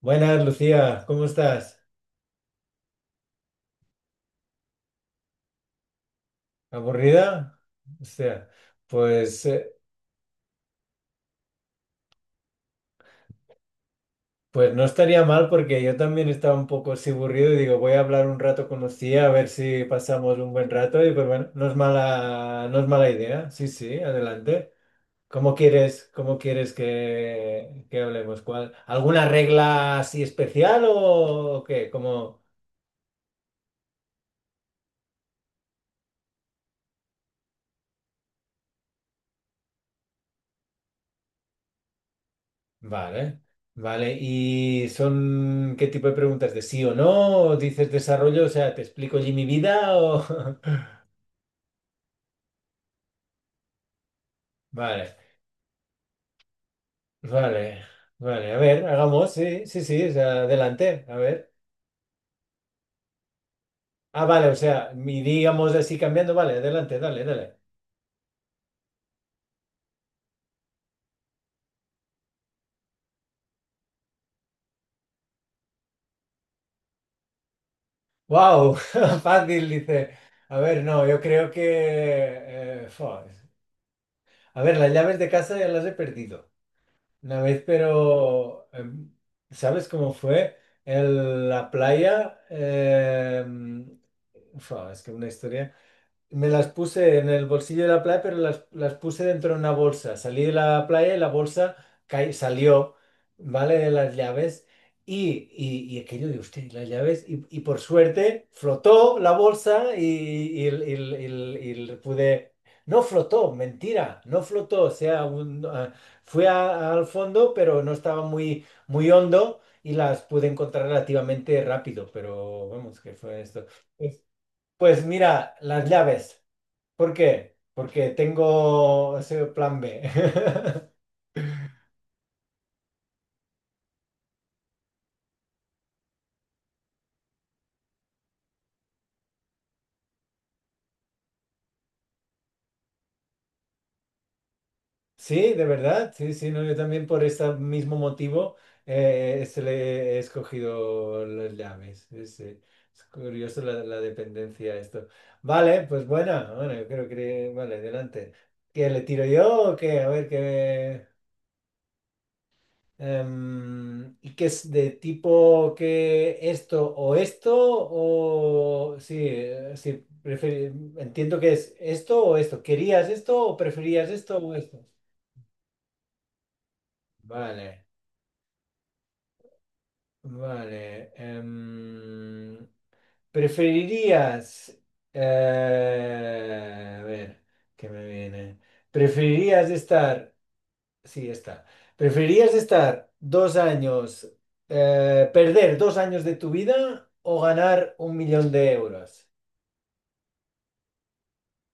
Buenas, Lucía, ¿cómo estás? ¿Aburrida? O sea, pues, eh, pues no estaría mal porque yo también estaba un poco así aburrido y digo, voy a hablar un rato con Lucía a ver si pasamos un buen rato y pues bueno, no es mala, no es mala idea. Sí, sí, adelante. Cómo quieres que hablemos? ¿Cuál? ¿Alguna regla así especial o qué? ¿Cómo? Vale, vale. ¿Y son qué tipo de preguntas? ¿De sí o no? ¿O dices desarrollo? O sea, ¿te explico allí mi vida? O… Vale, vale, vale. A ver, hagamos, sí, sí, sí, o sea, adelante, a ver. Ah, vale, o sea, mi digamos así cambiando, vale, adelante, dale, dale. ¡Wow! Fácil, dice. A ver, no, yo creo que… fua. A ver, las llaves de casa ya las he perdido. Una vez, pero ¿sabes cómo fue? En la playa, fua, es que una historia. Me las puse en el bolsillo de la playa, pero las puse dentro de una bolsa. Salí de la playa y la bolsa salió, ¿vale? De las llaves. Y aquello de usted, las llaves. Y por suerte flotó la bolsa y, el- y el- y el- y el- pude… No flotó, mentira, no flotó. O sea, fui al fondo, pero no estaba muy, muy hondo y las pude encontrar relativamente rápido. Pero vamos, que fue esto? Pues pues mira, las llaves. ¿Por qué? Porque tengo ese plan B. Sí, de verdad. Sí, sí, no, yo también por este mismo motivo se le he escogido las llaves. Sí, sí. Es curioso la dependencia a esto. Vale, pues buena. Bueno, yo creo que… Vale, adelante. ¿Qué le tiro yo o qué? A ver qué… ¿y qué es de tipo que esto o esto? O sí, sí, entiendo que es esto o esto. ¿Querías esto o preferías esto o esto? Vale, vale. ¿Preferirías… a ver, ¿qué me viene? ¿Preferirías estar… Sí, está. ¿Preferirías estar 2 años, perder 2 años de tu vida o ganar 1 millón de euros?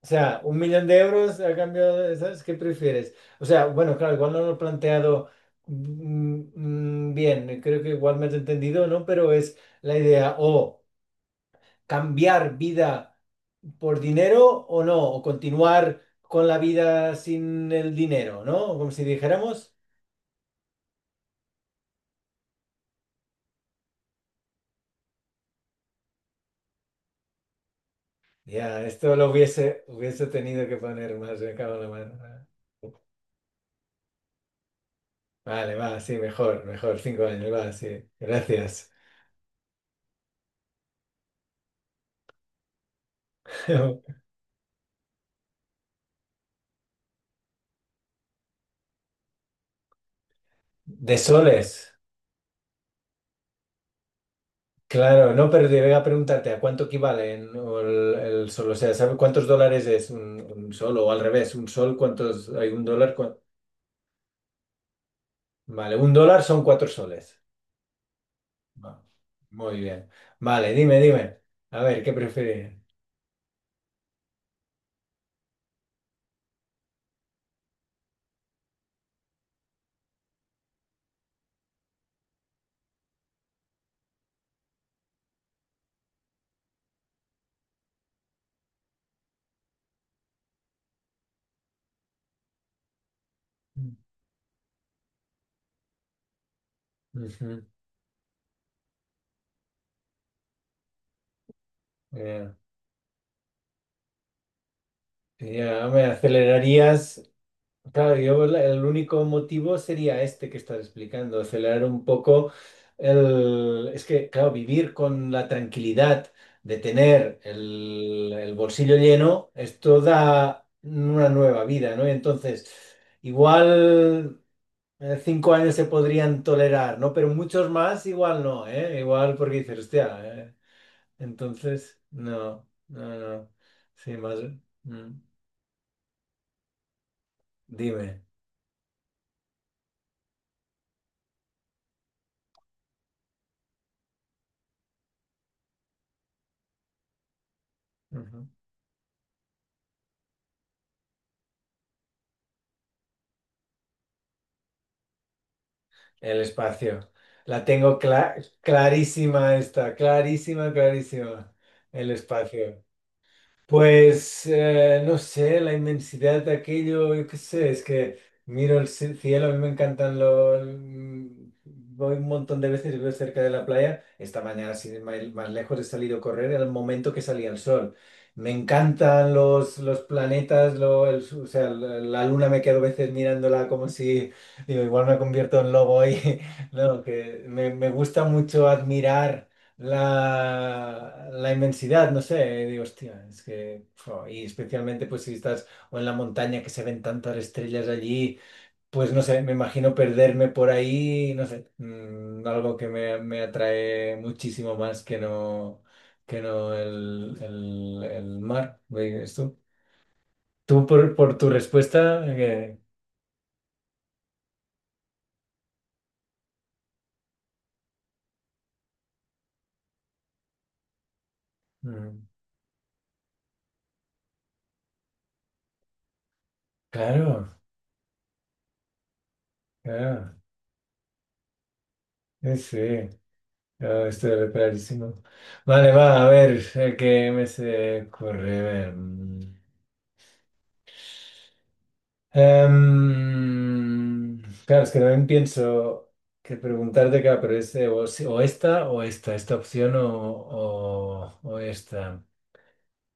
O sea, 1 millón de euros a cambio de, ¿sabes qué prefieres? O sea, bueno, claro, igual no lo he planteado mm, bien, creo que igual me has entendido, ¿no? Pero es la idea, o cambiar vida por dinero o no, o continuar con la vida sin el dinero, ¿no? Como si dijéramos. Ya, esto lo hubiese, hubiese tenido que poner más, me cago en la mano. ¿No? Vale, va, sí, mejor, mejor, 5 años, va, sí, gracias. De soles, claro, no, pero te voy a preguntarte, ¿a cuánto equivale o el sol? O sea, ¿sabes cuántos dólares es un sol? O al revés, un sol, ¿cuántos hay un dólar? Cua- Vale, un dólar son 4 soles. Va, muy bien. Vale, dime, dime. A ver, ¿qué prefieres? Ujú, ya, ya, me acelerarías. Claro, yo el único motivo sería este que estás explicando, acelerar un poco el… Es que, claro, vivir con la tranquilidad de tener el bolsillo lleno, esto da una nueva vida, ¿no? Y entonces, igual 5 años se podrían tolerar, ¿no? Pero muchos más igual no, ¿eh? Igual porque dices, hostia, ¿eh? Entonces, no, no, no. Sí, más… mm, dime. El espacio. La tengo clarísima esta, clarísima, clarísima. El espacio. Pues no sé, la inmensidad de aquello, yo qué sé, es que miro el cielo, a mí me encantan los… voy un montón de veces y vivo cerca de la playa. Esta mañana, sin ir más lejos, he salido a correr al momento que salía el sol. Me encantan los planetas, o sea, la luna me quedo a veces mirándola como si, digo, igual me convierto en lobo ahí. No, que me gusta mucho admirar la inmensidad, no sé, digo, hostia, es que, jo, y especialmente pues si estás o en la montaña que se ven tantas estrellas allí, pues no sé, me imagino perderme por ahí, no sé, algo que me atrae muchísimo más que no el mar, ¿ves tú? Tú por tu respuesta, que, mm, claro, claro, sí. sí. Ah, estoy clarísimo. Vale, va, a ver, ¿qué me se ocurre? A ver, claro, es que también pienso que preguntarte, claro, pero es o, o esta, esta opción o o esta.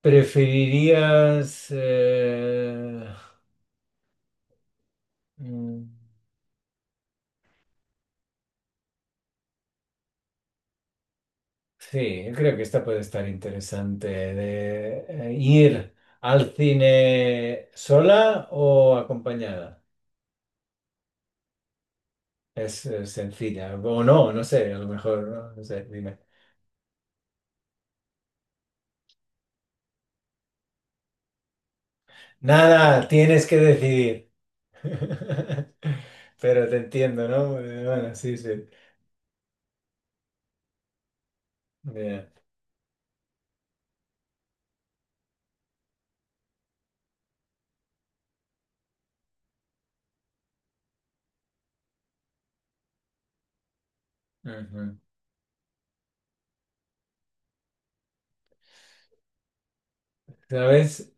¿Preferirías… mm, sí, yo creo que esta puede estar interesante, de ir al cine sola o acompañada? Es, sencilla. O no, no sé, a lo mejor, no, no sé, dime. Nada, tienes que decidir. Pero te entiendo, ¿no? Bueno, sí, sí. Bien. Ujú. ¿Sabes?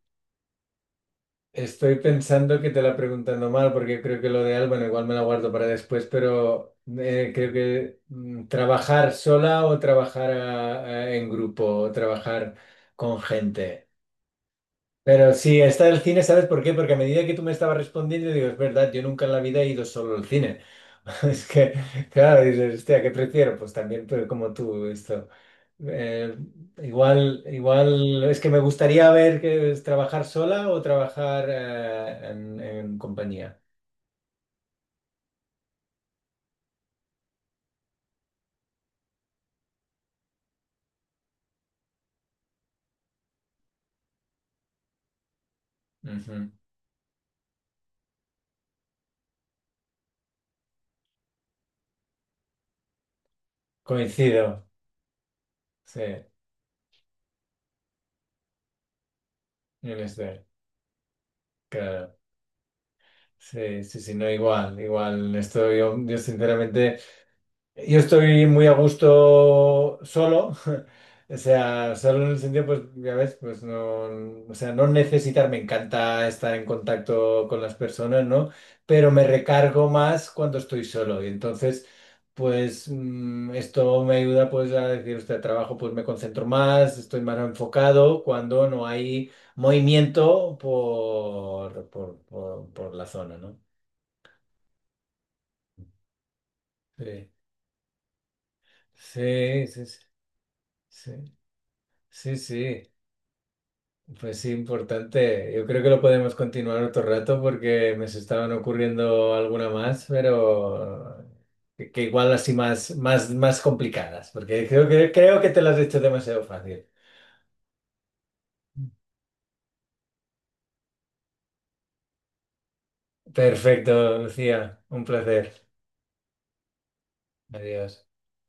Estoy pensando que te la preguntando mal porque creo que lo de Al, bueno, igual me la guardo para después, pero creo que trabajar sola o trabajar en grupo o trabajar con gente. Pero sí, está el cine, ¿sabes por qué? Porque a medida que tú me estabas respondiendo, digo, es verdad, yo nunca en la vida he ido solo al cine. Es que, claro, dices, hostia, ¿qué prefiero? Pues también, pero como tú, esto. Eh, igual, igual, es que me gustaría ver que es trabajar sola o trabajar en compañía. Ujú. Coincido, sí, en este, claro. Sí, sí, sí, no, igual, igual, esto yo sinceramente. Yo estoy muy a gusto solo, o sea, solo en el sentido, pues, ya ves, pues no, o sea, no necesitar, me encanta estar en contacto con las personas, ¿no? Pero me recargo más cuando estoy solo y entonces, pues, esto me ayuda, pues, a decir, este trabajo, pues, me concentro más, estoy más enfocado cuando no hay movimiento por la zona, ¿no? Sí, sí, sí, sí, sí, sí. Pues sí, importante. Yo creo que lo podemos continuar otro rato porque me se estaban ocurriendo alguna más, pero que igual así más, más, más complicadas, porque creo que te las has hecho demasiado fácil. Perfecto, Lucía. Un placer. Adiós.